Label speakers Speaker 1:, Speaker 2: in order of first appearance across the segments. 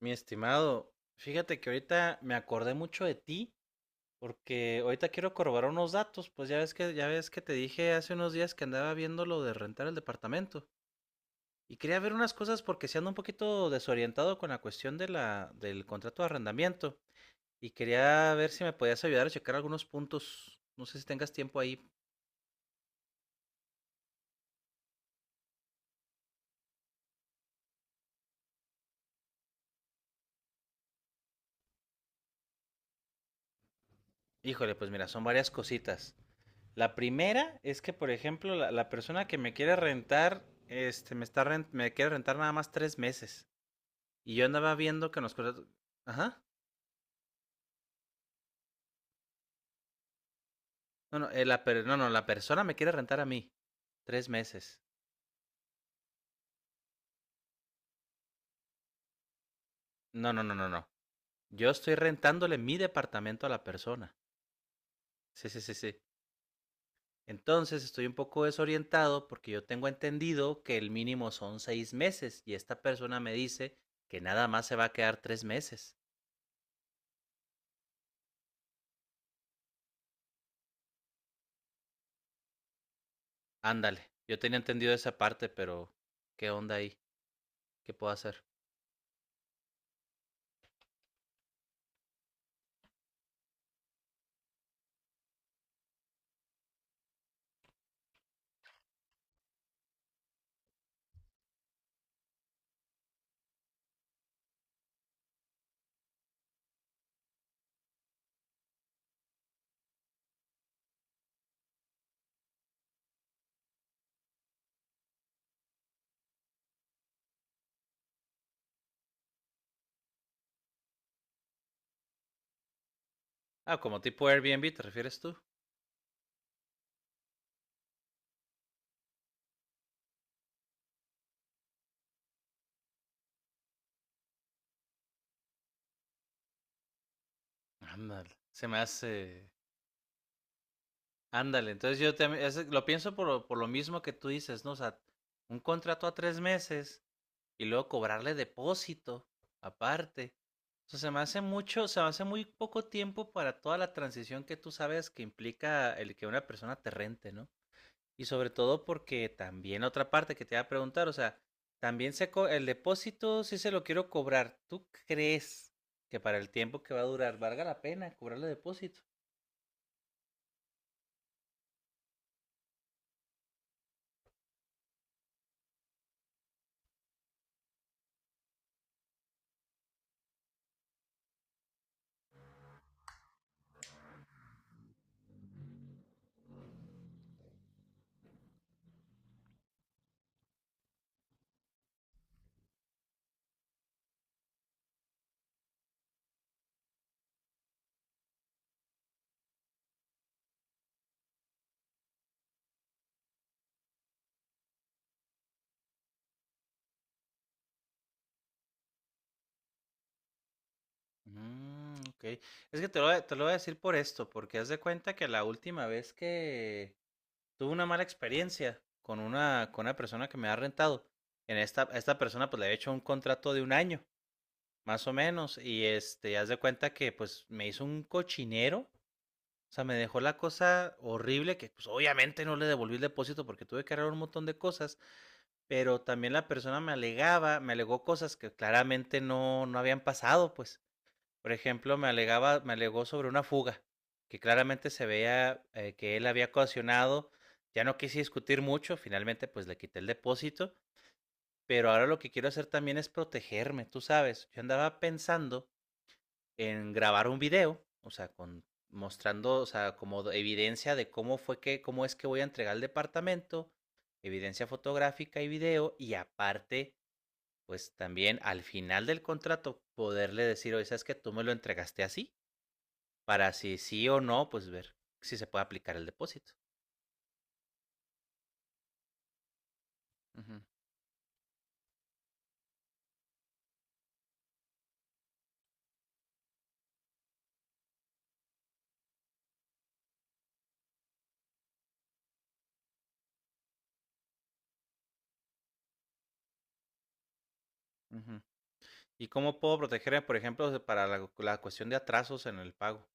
Speaker 1: Mi estimado, fíjate que ahorita me acordé mucho de ti porque ahorita quiero corroborar unos datos, pues ya ves que te dije hace unos días que andaba viendo lo de rentar el departamento y quería ver unas cosas porque se ando un poquito desorientado con la cuestión de la del contrato de arrendamiento y quería ver si me podías ayudar a checar algunos puntos. No sé si tengas tiempo ahí. Híjole, pues mira, son varias cositas. La primera es que, por ejemplo, la persona que me quiere rentar, me quiere rentar nada más tres meses. Y yo andaba viendo que nos contrató. Ajá. No, no, no, no, la persona me quiere rentar a mí. Tres meses. No, no, no, no, no. Yo estoy rentándole mi departamento a la persona. Sí, sí, sí, sí. Entonces estoy un poco desorientado porque yo tengo entendido que el mínimo son seis meses y esta persona me dice que nada más se va a quedar tres meses. Ándale. Yo tenía entendido esa parte, pero ¿qué onda ahí? ¿Qué puedo hacer? Ah, como tipo Airbnb, ¿te refieres tú? Ándale. Se me hace... Ándale, entonces yo también lo pienso por, por lo mismo que tú dices, ¿no? O sea, un contrato a tres meses y luego cobrarle depósito aparte. O sea, se me hace mucho, se me hace muy poco tiempo para toda la transición que tú sabes que implica el que una persona te rente, ¿no? Y sobre todo porque también otra parte que te iba a preguntar, o sea, también el depósito si se lo quiero cobrar. ¿Tú crees que para el tiempo que va a durar valga la pena cobrarle depósito? Mm, ok. Es que te lo, te lo voy a decir por esto, porque haz de cuenta que la última vez que tuve una mala experiencia con una persona que me ha rentado, en esta, a esta persona pues le había hecho un contrato de un año, más o menos, y este, haz de cuenta que pues me hizo un cochinero, o sea, me dejó la cosa horrible que pues obviamente no le devolví el depósito porque tuve que arreglar un montón de cosas, pero también la persona me alegó cosas que claramente no, no habían pasado, pues. Por ejemplo, me alegó sobre una fuga, que claramente se veía, que él había ocasionado. Ya no quise discutir mucho, finalmente pues le quité el depósito, pero ahora lo que quiero hacer también es protegerme, tú sabes. Yo andaba pensando en grabar un video, o sea, con mostrando, o sea, evidencia de cómo fue que, cómo es que voy a entregar el departamento, evidencia fotográfica y video, y aparte, pues también al final del contrato poderle decir, oye, ¿sabes que tú me lo entregaste así? Para si sí o no, pues ver si se puede aplicar el depósito. Ujú, ujú. ¿Y cómo puedo protegerme, por ejemplo, para la cuestión de atrasos en el pago?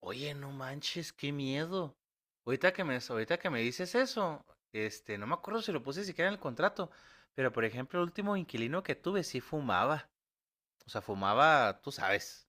Speaker 1: Oye, no manches, qué miedo. Ahorita que me dices eso, este, no me acuerdo si lo puse siquiera en el contrato, pero por ejemplo, el último inquilino que tuve sí fumaba. O sea, fumaba, tú sabes.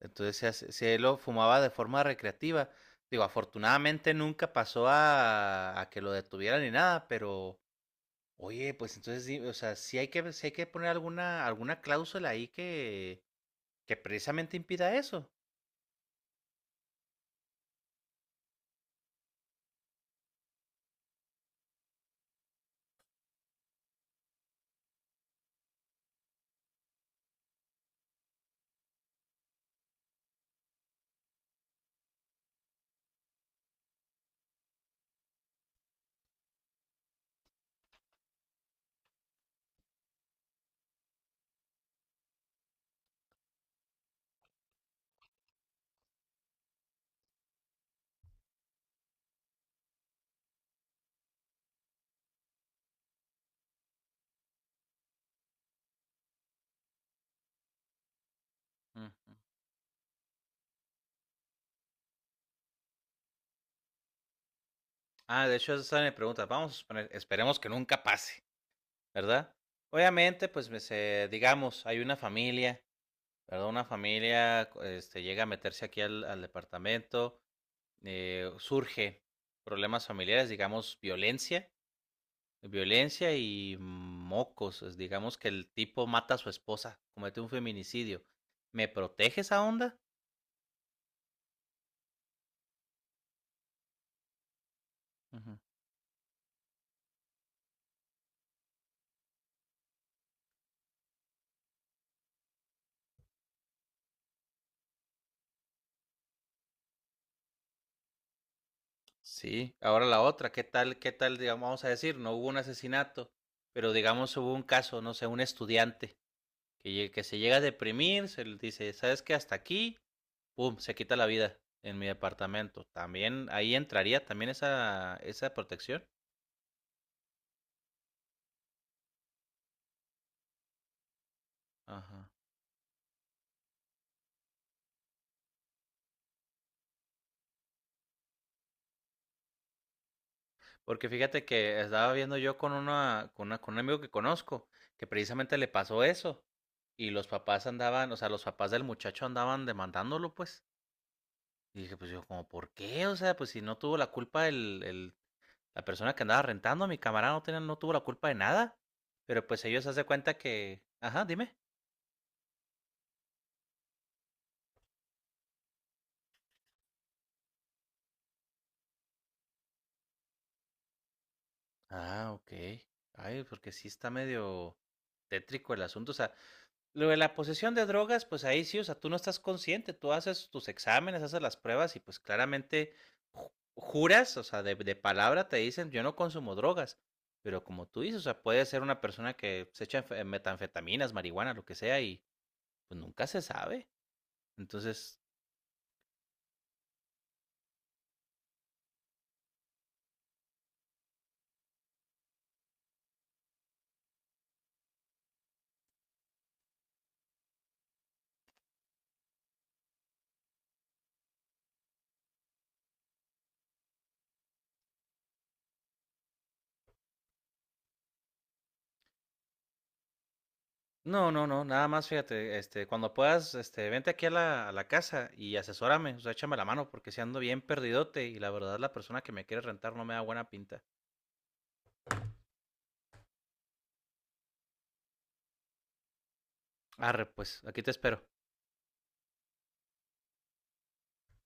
Speaker 1: Entonces, se lo fumaba de forma recreativa. Digo, afortunadamente nunca pasó a que lo detuvieran ni nada, pero oye, pues entonces sí, o sea, sí hay que ver, sí hay que poner alguna cláusula ahí que precisamente impida eso. Mm. Ah, de hecho, esa es mi pregunta. Vamos a suponer, esperemos que nunca pase, ¿verdad? Obviamente, pues digamos, hay una familia, ¿verdad? Una familia este llega a meterse aquí al departamento, surge problemas familiares, digamos, violencia. Violencia y mocos. Es, digamos, que el tipo mata a su esposa, comete un feminicidio. ¿Me protege esa onda? Ujú. Sí, ahora la otra, qué tal, digamos, vamos a decir, no hubo un asesinato, pero digamos hubo un caso, no sé, un estudiante que, que se llega a deprimir, se le dice, ¿sabes qué? Hasta aquí, pum, se quita la vida en mi departamento. También ahí entraría también esa protección. Ajá. Porque fíjate que estaba viendo yo con una, con un amigo que conozco, que precisamente le pasó eso. Y los papás andaban, o sea, los papás del muchacho andaban demandándolo, pues. Y dije, pues yo, como, ¿por qué? O sea, pues si no tuvo la culpa la persona que andaba rentando, mi camarada no tuvo la culpa de nada. Pero pues ellos se hacen cuenta que... Ajá, dime. Ah, ok. Ay, porque sí está medio tétrico el asunto. O sea, lo de la posesión de drogas, pues ahí sí, o sea, tú no estás consciente, tú haces tus exámenes, haces las pruebas y pues claramente ju- juras, o sea, de palabra te dicen, yo no consumo drogas, pero como tú dices, o sea, puede ser una persona que se echa metanfetaminas, marihuana, lo que sea, y pues nunca se sabe. Entonces, no, no, no, nada más, fíjate, este, cuando puedas, este, vente aquí a a la casa y asesórame, o sea, échame la mano porque si ando bien perdidote y la verdad la persona que me quiere rentar no me da buena pinta. Arre, pues, aquí te espero.